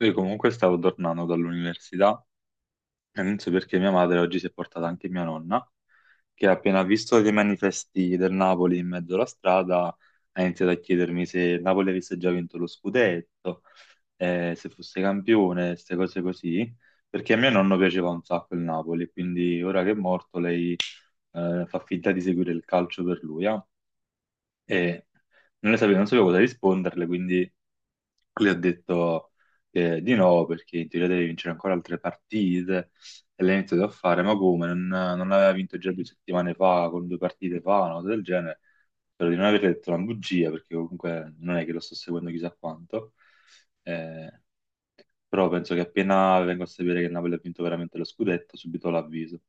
Io comunque stavo tornando dall'università e non so perché mia madre oggi si è portata anche mia nonna, che appena visto dei manifesti del Napoli in mezzo alla strada ha iniziato a chiedermi se il Napoli avesse già vinto lo scudetto, se fosse campione, queste cose così, perché a mio nonno piaceva un sacco il Napoli, quindi ora che è morto lei fa finta di seguire il calcio per lui, ah. E non sapevo cosa risponderle, quindi. Lui ha detto che di no, perché in teoria deve vincere ancora altre partite, e l'ha iniziato a fare, ma come? Non aveva vinto già 2 settimane fa, con due partite fa, una cosa del genere. Spero di non aver detto una bugia, perché comunque non è che lo sto seguendo chissà quanto. Eh, però penso che appena vengo a sapere che il Napoli ha vinto veramente lo scudetto, subito l'avviso.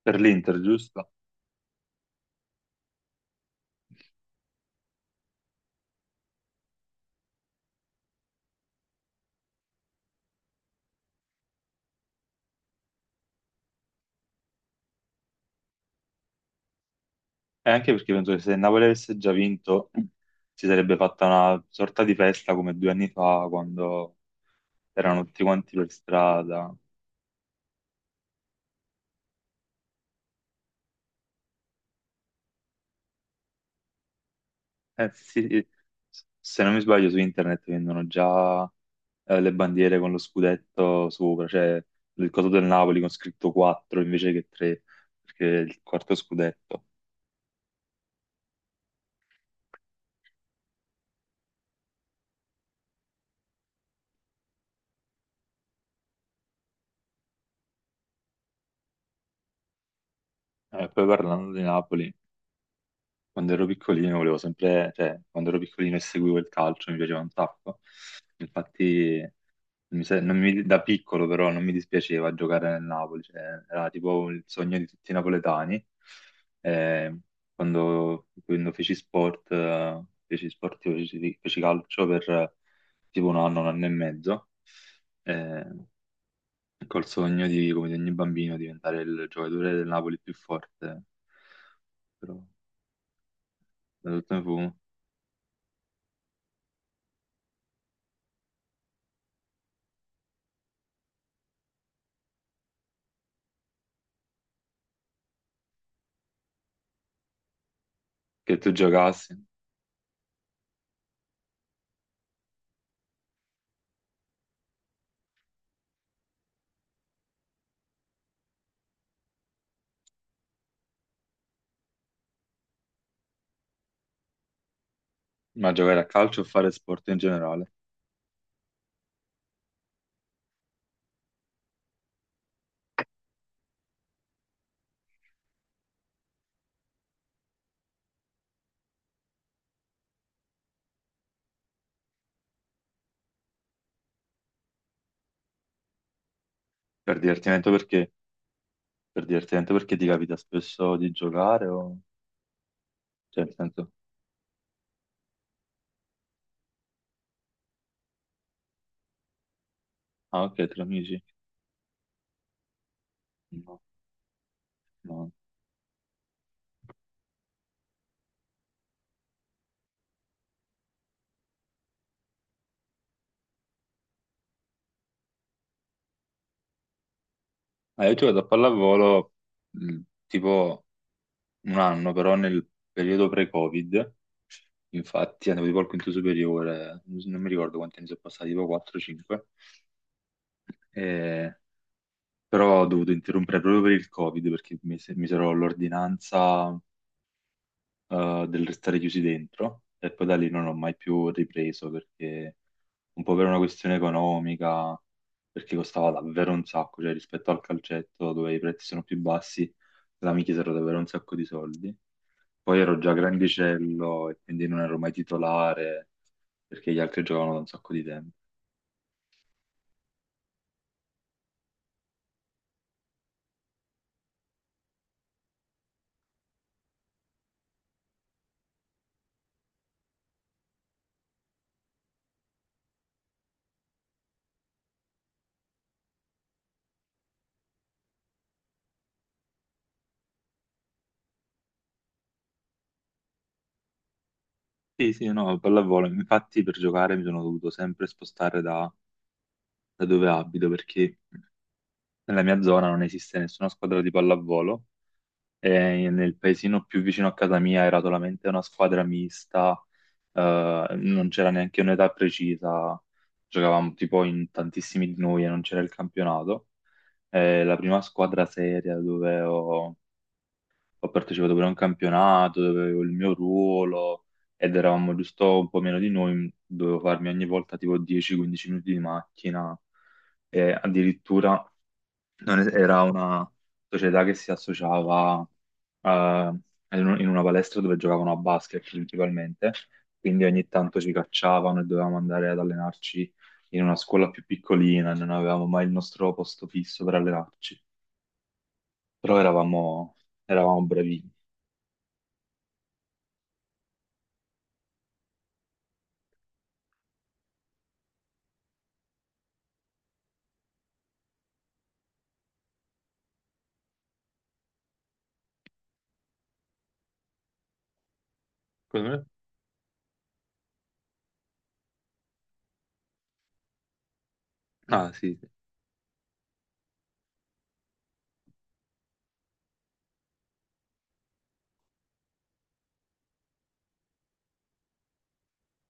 Per l'Inter, giusto? E anche perché penso che se il Napoli avesse già vinto, si sarebbe fatta una sorta di festa come 2 anni fa, quando erano tutti quanti per strada. Eh sì, se non mi sbaglio su internet vendono già le bandiere con lo scudetto sopra, cioè il coso del Napoli con scritto 4 invece che 3, perché è il quarto scudetto. Poi parlando di Napoli, quando ero piccolino volevo sempre, cioè quando ero piccolino e seguivo il calcio mi piaceva un sacco. Infatti Mi se- non mi- da piccolo però non mi dispiaceva giocare nel Napoli, cioè, era tipo il sogno di tutti i napoletani. Eh, quando feci sport, io feci calcio per tipo un anno e mezzo, eh, col sogno di, come di ogni bambino, diventare il giocatore del Napoli più forte. Però da tutto ne fu che tu giocassi, ma giocare a calcio o fare sport in generale, per divertimento perché. Per divertente, perché ti capita spesso di giocare o. Cioè, nel senso. Ah, ok, tra amici. No, no. Ah, io ho giocato a pallavolo mh, tipo un anno, però nel periodo pre-Covid, infatti andavo tipo al quinto superiore, non mi ricordo quanti anni sono passati, tipo 4-5, però ho dovuto interrompere proprio per il Covid, perché mi misero l'ordinanza del restare chiusi dentro e poi da lì non ho mai più ripreso perché un po' per una questione economica, perché costava davvero un sacco, cioè rispetto al calcetto dove i prezzi sono più bassi, là mi chiesero davvero un sacco di soldi. Poi ero già grandicello e quindi non ero mai titolare perché gli altri giocavano da un sacco di tempo. Sì, sì, no, pallavolo. Infatti per giocare mi sono dovuto sempre spostare da dove abito perché nella mia zona non esiste nessuna squadra di pallavolo. E nel paesino più vicino a casa mia era solamente una squadra mista, non c'era neanche un'età precisa, giocavamo tipo in tantissimi di noi e non c'era il campionato. La prima squadra seria dove ho partecipato pure a un campionato, dove avevo il mio ruolo ed eravamo giusto un po' meno di noi, dovevo farmi ogni volta tipo 10-15 minuti di macchina e addirittura non es- era una società che si associava eh, in una palestra dove giocavano a basket principalmente, quindi ogni tanto ci cacciavano e dovevamo andare ad allenarci in una scuola più piccolina, non avevamo mai il nostro posto fisso per allenarci, però eravamo bravini. Secondo me- Ah sì, sì.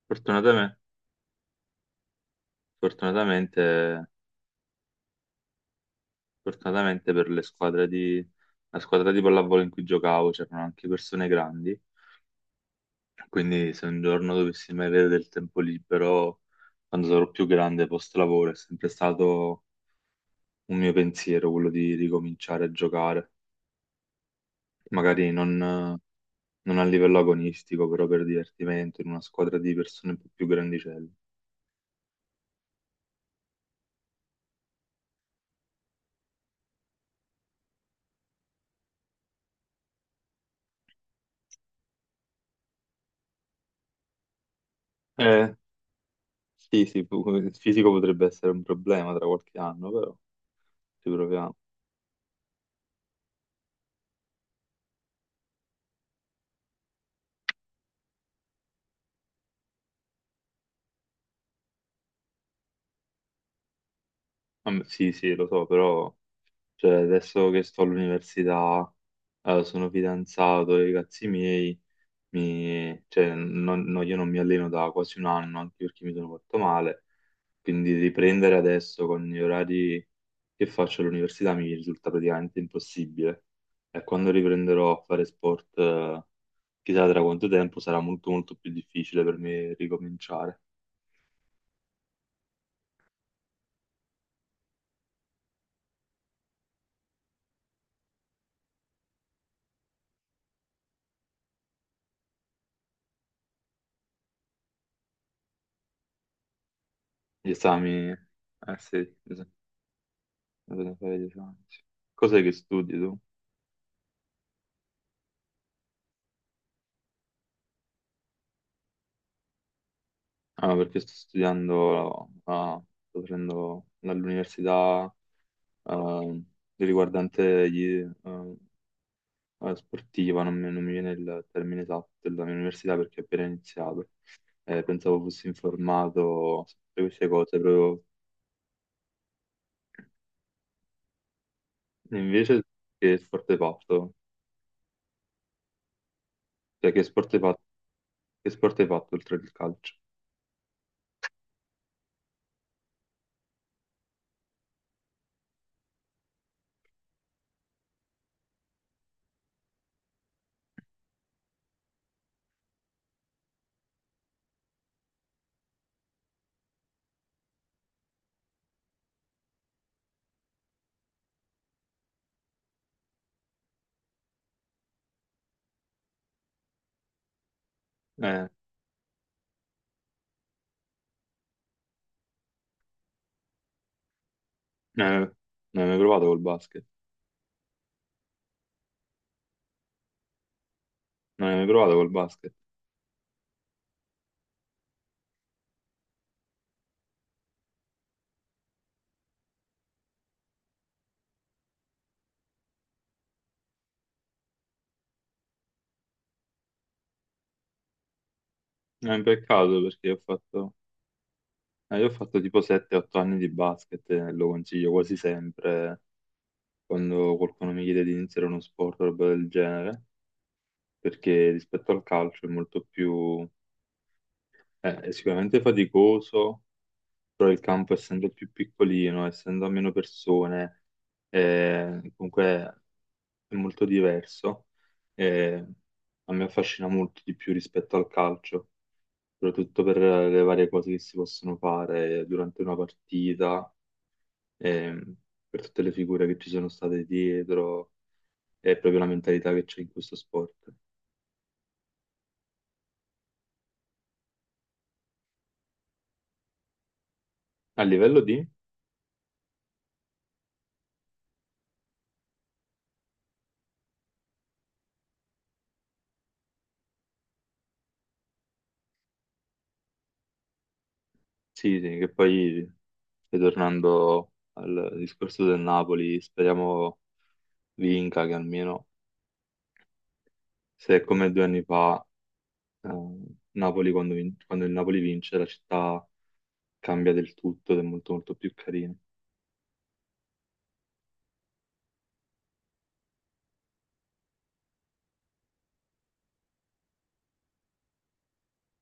Fortunatamente, fortunatamente, fortunatamente per la squadra di pallavolo in cui giocavo c'erano anche persone grandi. Quindi se un giorno dovessi mai avere del tempo libero, quando sarò più grande post lavoro, è sempre stato un mio pensiero quello di ricominciare a giocare. Magari non a livello agonistico, però per divertimento, in una squadra di persone un po' più grandicelle. Eh sì, sì, il fisico potrebbe essere un problema tra qualche anno, però ci proviamo. Ah, beh, sì, sì, lo so, però cioè, adesso che sto all'università, sono fidanzato, i ragazzi miei cioè, no, io non mi alleno da quasi un anno, anche perché mi sono fatto male, quindi riprendere adesso con gli orari che faccio all'università mi risulta praticamente impossibile. E quando riprenderò a fare sport, chissà tra quanto tempo, sarà molto molto più difficile per me ricominciare. Gli esami, eh sì, bisogna fare gli esami. Sì. Cos'è che studi tu? Ah, perché sto studiando, ah, sto facendo dall'università ehm, riguardante ehm, la sportiva, non mi viene il termine esatto della mia università perché ho appena iniziato. Pensavo fossi informato su tutte queste cose, proprio invece che sport hai fatto? Cioè, che sport hai fatto oltre il calcio? Eh, eh, non hai mai provato col basket? Non hai mai provato col basket? È un peccato perché io ho fatto tipo 7-8 anni di basket e lo consiglio quasi sempre quando qualcuno mi chiede di iniziare uno sport o roba del genere, perché rispetto al calcio è sicuramente faticoso, però il campo essendo più piccolino, essendo a meno persone, comunque è molto diverso. eh, a me affascina molto di più rispetto al calcio, soprattutto per le varie cose che si possono fare durante una partita, ehm, per tutte le figure che ci sono state dietro. È proprio la mentalità che c'è in questo sport. A livello di. Sì, sì, che poi, ritornando al discorso del Napoli, speriamo vinca, che almeno se è come 2 anni fa, eh, quando il Napoli vince, la città cambia del tutto ed è molto molto più carina.